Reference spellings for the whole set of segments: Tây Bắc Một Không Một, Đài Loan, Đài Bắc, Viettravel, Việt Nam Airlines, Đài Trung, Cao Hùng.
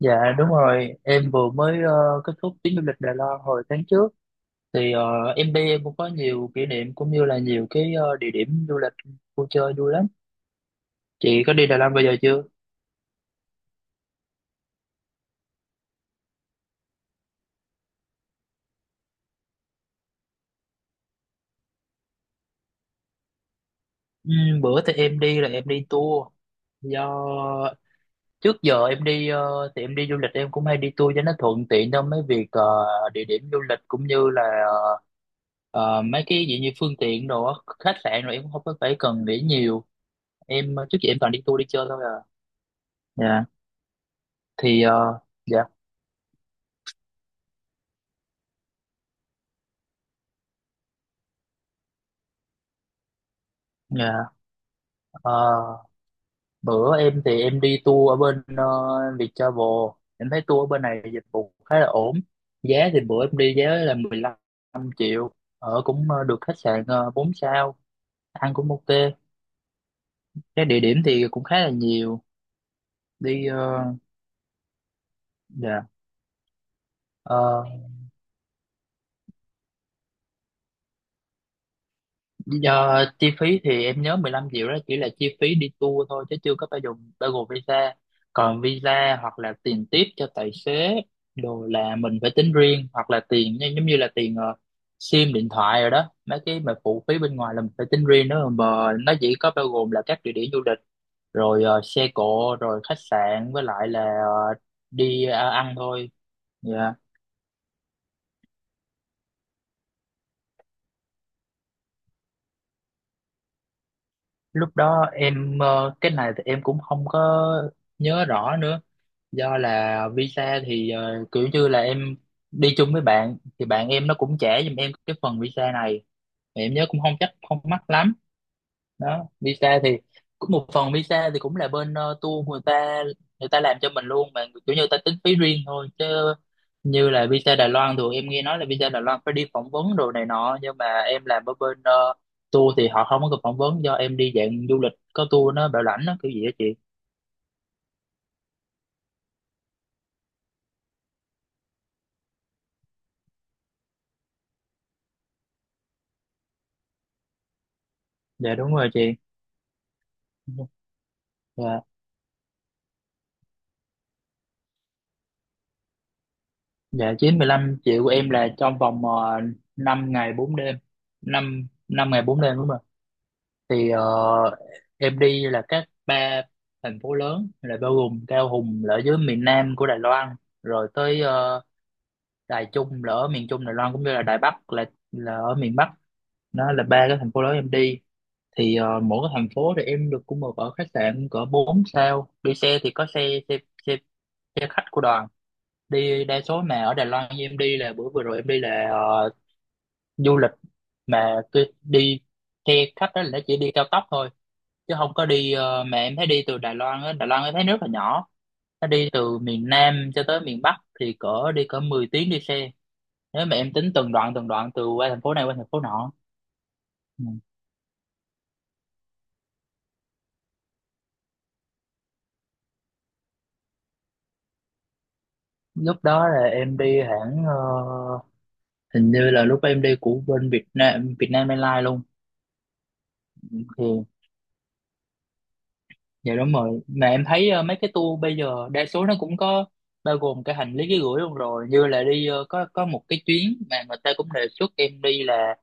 Dạ đúng rồi, em vừa mới kết thúc chuyến du lịch Đài Loan hồi tháng trước thì ờ, em đi em cũng có nhiều kỷ niệm cũng như là nhiều cái địa điểm du lịch vui chơi vui lắm. Chị có đi Đài Loan bao giờ chưa? Ừ, bữa thì em đi là em đi tour do trước giờ em đi thì em đi du lịch em cũng hay đi tour cho nó thuận tiện trong mấy việc địa điểm du lịch cũng như là ờ, mấy cái gì như phương tiện đồ á, khách sạn rồi em cũng không có phải cần nghĩ nhiều. Em trước giờ em toàn đi tour đi chơi thôi à. Dạ. thì ờ, dạ dạ. Ờ, bữa em thì em đi tour ở bên Viettravel, em thấy tour ở bên này dịch vụ khá là ổn, giá thì bữa em đi giá là 15 triệu, ở cũng được khách sạn 4 sao, ăn cũng ok, cái địa điểm thì cũng khá là nhiều đi ờ, dạ. Ờ, giờ chi phí thì em nhớ 15 triệu đó chỉ là chi phí đi tour thôi chứ chưa có bao gồm visa. Còn visa hoặc là tiền tiếp cho tài xế đồ là mình phải tính riêng, hoặc là tiền như- giống như là tiền sim điện thoại rồi đó. Mấy cái mà phụ phí bên ngoài là mình phải tính riêng đó, mà nó chỉ có bao gồm là các địa điểm du lịch rồi xe cộ rồi khách sạn với lại là đi ăn thôi. Dạ. Lúc đó em cái này thì em cũng không có nhớ rõ nữa, do là visa thì kiểu như là em đi chung với bạn thì bạn em nó cũng trả giùm em cái phần visa này. Mà em nhớ cũng không chắc, không mắc lắm đó. Visa thì cũng một phần visa thì cũng là bên tour người ta, người ta làm cho mình luôn mà kiểu như người ta tính phí riêng thôi, chứ như là visa Đài Loan thì em nghe nói là visa Đài Loan phải đi phỏng vấn đồ này nọ, nhưng mà em làm ở bên tour thì họ không có cần phỏng vấn, do em đi dạng du lịch có tour nó bảo lãnh nó kiểu gì đó chị. Dạ đúng rồi chị. Dạ. Dạ, 95 triệu của em là trong vòng 5 ngày 4 đêm. Năm 5 ngày 4 đêm đúng không ạ? Thì ờ, em đi là các ba thành phố lớn, là bao gồm Cao Hùng là ở dưới miền Nam của Đài Loan, rồi tới Đài Trung là ở miền Trung Đài Loan, cũng như là Đài Bắc là ở miền Bắc. Đó là ba cái thành phố lớn em đi. Mỗi cái thành phố thì em được cũng được ở khách sạn cỡ 4 sao. Đi xe thì có xe xe xe, xe khách của đoàn đi. Đa số mà ở Đài Loan như em đi là bữa vừa rồi em đi là du lịch mà cứ đi theo khách đó là chỉ đi cao tốc thôi chứ không có đi mà em thấy đi từ Đài Loan á, Đài Loan em thấy rất là nhỏ, nó đi từ miền Nam cho tới miền Bắc thì cỡ đi cỡ 10 tiếng đi xe, nếu mà em tính từng đoạn từ qua thành phố này qua thành phố nọ. Ừ. Lúc đó là em đi hãng hình như là lúc em đi của bên Việt Nam Airlines luôn. Thì dạ đúng rồi, mà em thấy mấy cái tour bây giờ đa số nó cũng có bao gồm cái hành lý ký gửi luôn rồi, như là đi có một cái chuyến mà người ta cũng đề xuất em đi là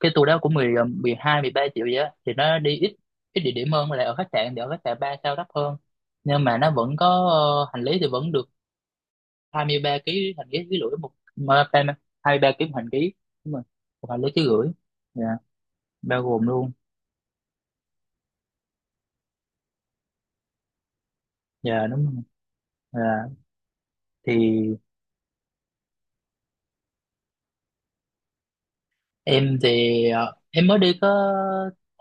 cái tour đó cũng 12 13 triệu vậy á, thì nó đi ít ít địa điểm hơn, là ở khách sạn thì ở khách sạn 3 sao, đắt hơn nhưng mà nó vẫn có hành lý thì vẫn được 23 ký hành lý ký gửi một mà- 23 ký một hành lý, đúng rồi, một hành lý ký gửi dạ bao gồm luôn, dạ đúng rồi dạ. Thì em thì em mới đi có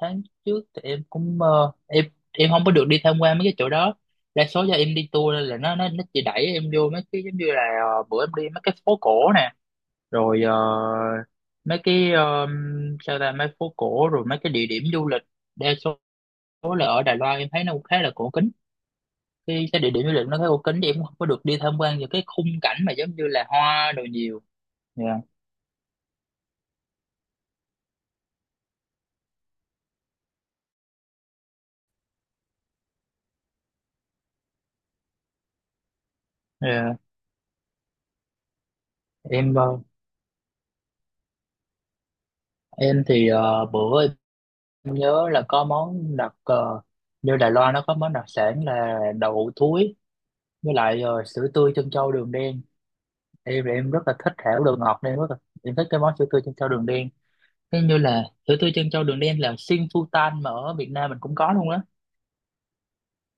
tháng trước, thì em cũng em không có được đi tham quan mấy cái chỗ đó, đa số do em đi tour nên là nó chỉ đẩy em vô mấy cái giống như là bữa em đi mấy cái phố cổ nè rồi mấy cái sao ta, mấy phố cổ rồi mấy cái địa điểm du lịch, đa số là ở Đài Loan em thấy nó cũng khá là cổ kính, cái địa điểm du lịch nó khá cổ kính thì em cũng không có được đi tham quan vào cái khung cảnh mà giống như là hoa đồ nhiều. Dạ. Dạ. Em em thì bữa em nhớ là có món đặc như Đài Loan nó có món đặc sản là đậu hũ thúi với lại sữa tươi trân châu đường đen. Em thì em rất là thích hảo đồ ngọt nên em rất là em thích cái món sữa tươi trân châu đường đen, thế như là sữa tươi trân châu đường đen là sinh phu tan mà ở Việt Nam mình cũng có luôn á.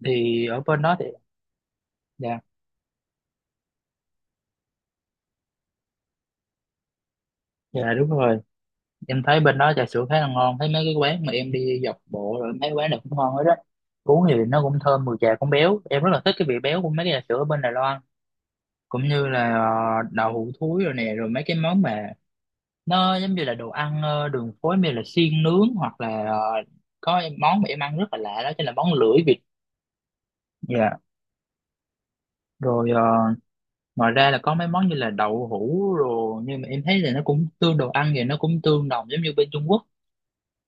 Thì ở bên đó thì dạ dạ đúng rồi, em thấy bên đó trà sữa khá là ngon, thấy mấy cái quán mà em đi dọc bộ rồi mấy quán này cũng ngon hết á, uống thì nó cũng thơm mùi trà cũng béo, em rất là thích cái vị béo của mấy cái trà sữa ở bên Đài Loan, cũng như là đậu hũ thúi rồi nè, rồi mấy cái món mà nó giống như là đồ ăn đường phố như là xiên nướng hoặc là có món mà em ăn rất là lạ đó chính là món lưỡi vịt dạ. Rồi ngoài ra là có mấy món như là đậu hũ rồi, nhưng mà em thấy là nó cũng tương đồ ăn thì nó cũng tương đồng giống như bên Trung Quốc,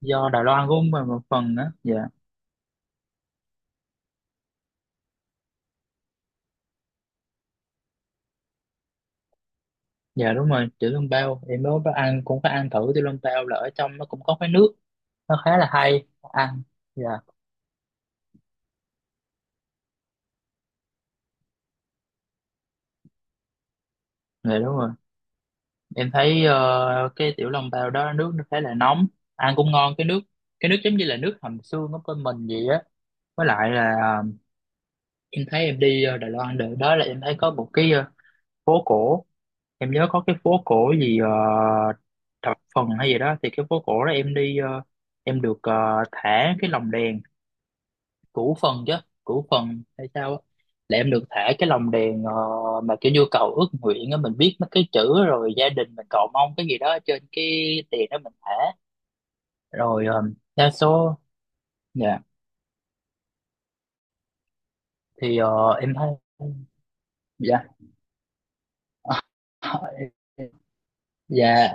do Đài Loan cũng một một phần đó dạ. Dạ đúng rồi, tiểu笼bao em mới có ăn, cũng có ăn thử tiểu笼bao là ở trong nó cũng có cái nước, nó khá là hay ăn dạ. Dạ đúng rồi, em thấy cái tiểu long tàu đó nước nó khá là nóng, ăn cũng ngon cái nước, cái nước giống như là nước hầm xương của bên mình vậy á, với lại là em thấy em đi Đài Loan được đó là em thấy có một cái phố cổ, em nhớ có cái phố cổ gì thập phần hay gì đó, thì cái phố cổ đó em đi em được thả cái lồng đèn củ phần chứ, củ phần hay sao á, là em được thả cái lồng đèn mà kiểu như cầu ước nguyện á, mình viết mấy cái chữ rồi gia đình mình cầu mong cái gì đó trên cái tiền đó mình thả. Rồi đa số dạ em thấy dạ dạ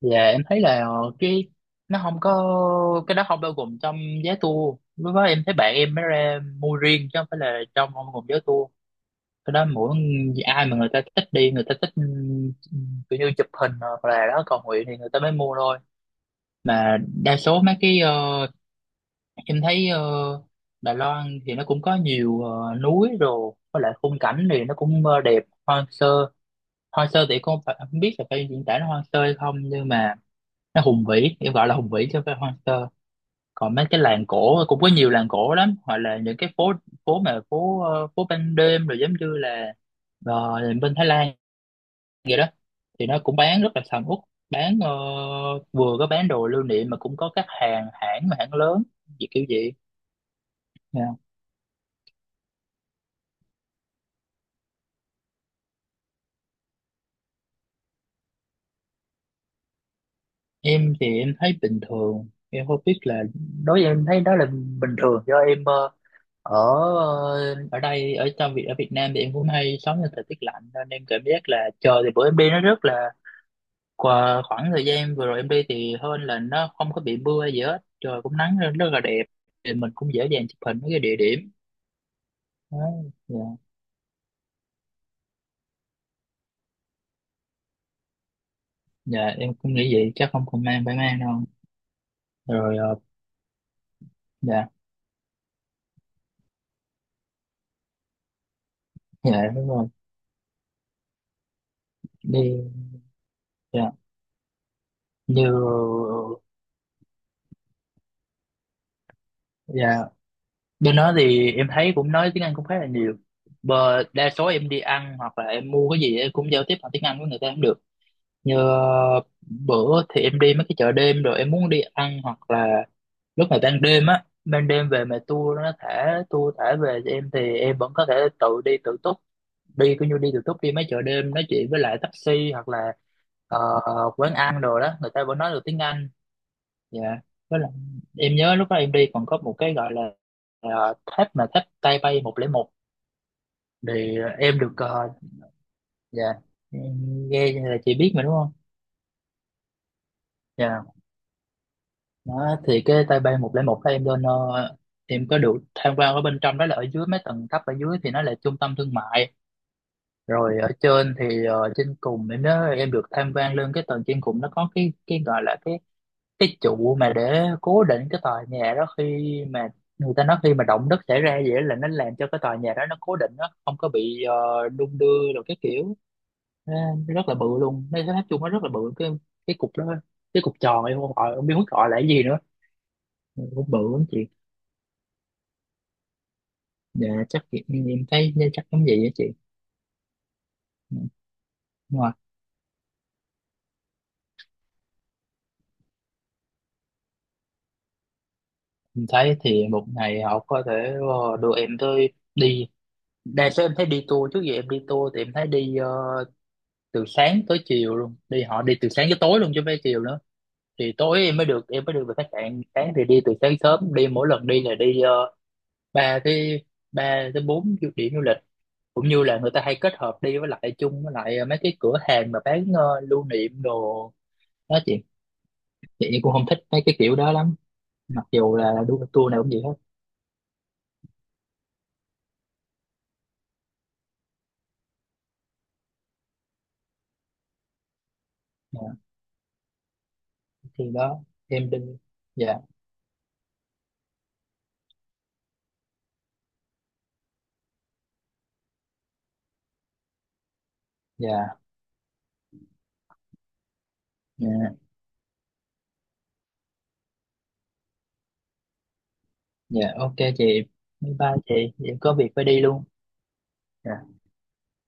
dạ em thấy là cái nó không có, cái đó không bao gồm trong giá tour, lúc đó em thấy bạn em mới ra mua riêng chứ không phải là trong không gồm giá tour. Cái đó mỗi ai mà người ta thích đi, người ta thích ừ, kiểu như chụp hình hoặc là đó cầu nguyện thì người ta mới mua thôi. Mà đa số mấy cái em thấy Đài Loan thì nó cũng có nhiều núi rồi với lại khung cảnh thì nó cũng đẹp hoang sơ, hoang sơ thì không, phải, không biết là phải diễn tả nó hoang sơ hay không, nhưng mà nó hùng vĩ, em gọi là hùng vĩ chứ không phải hoang sơ. Còn mấy cái làng cổ cũng có nhiều làng cổ lắm, hoặc là những cái phố phố mà phố phố ban đêm rồi, giống như là bên Thái Lan vậy đó, thì nó cũng bán rất là sầm uất, bán vừa có bán đồ lưu niệm mà cũng có các hàng hãng mà hãng lớn gì kiểu vậy. Nè, em thì em thấy bình thường, em không biết là đối với em thấy đó là bình thường, do em ở ở đây, ở trong Việt, ở Việt Nam thì em cũng hay sống trong thời tiết lạnh nên em cảm giác là trời thì bữa em đi nó rất là qua khoảng thời gian vừa rồi em đi thì hơn là nó không có bị mưa hay gì hết, trời cũng nắng lên rất là đẹp thì mình cũng dễ dàng chụp hình mấy cái địa điểm đó. Dạ. Dạ em cũng nghĩ vậy, chắc không còn mang phải mang đâu. Rồi dạ dạ đúng rồi đi dạ như dạ bên đó thì em thấy cũng nói tiếng Anh cũng khá là nhiều. Bờ, đa số em đi ăn hoặc là em mua cái gì em cũng giao tiếp bằng tiếng Anh với người ta cũng được, như bữa thì em đi mấy cái chợ đêm rồi em muốn đi ăn hoặc là lúc mà ban đêm á, ban đêm về mà tour nó thả tour thả về cho em thì em vẫn có thể tự đi tự túc, đi cứ như đi từ túc đi mấy chợ đêm, nói chuyện với lại taxi hoặc là ờ, quán ăn đồ đó, người ta vẫn nói được tiếng Anh dạ. Với lại em nhớ lúc đó em đi còn có một cái gọi là tháp mà tháp Tay Bay 101, thì em được dạ em nghe là chị biết mà đúng không dạ. Đó thì cái Tay Bay 101 đó em lên em có được tham quan ở bên trong, đó là ở dưới mấy tầng thấp, ở dưới thì nó là trung tâm thương mại, rồi ở trên thì trên cùng em nhớ em được tham quan lên cái tầng trên cùng, nó có cái gọi là cái trụ mà để cố định cái tòa nhà đó khi mà người ta nói khi mà động đất xảy ra, vậy là nó làm cho cái tòa nhà đó nó cố định, nó không có bị đung đưa rồi cái kiểu. Nó rất là bự luôn, nó nói chung nó rất là bự cái cục đó, cái cục tròn em không gọi không biết gọi là cái gì nữa. Ừ, cũng bự lắm chị. Dạ, chắc chị- em thấy chắc giống vậy á chị. Ừ, đúng rồi. Em thấy thì một ngày họ có thể đưa em tới đi, đa số em thấy đi tour trước giờ em đi tour thì em thấy đi từ sáng tới chiều luôn, đi họ đi từ sáng tới tối luôn chứ không phải chiều nữa, thì tối em mới được về khách sạn, sáng thì đi từ sáng sớm, đi mỗi lần đi là đi ba tới ba tới bốn du- điểm du lịch, cũng như là người ta hay kết hợp đi với lại chung với lại mấy cái cửa hàng mà bán lưu niệm đồ đó chị. Chị em cũng không thích mấy cái kiểu đó lắm, mặc dù là đu- tour nào cũng vậy hết. Dạ, thì đó em đi dạ dạ dạ. Dạ ok chị, bye bye chị, em có việc phải đi luôn. Dạ.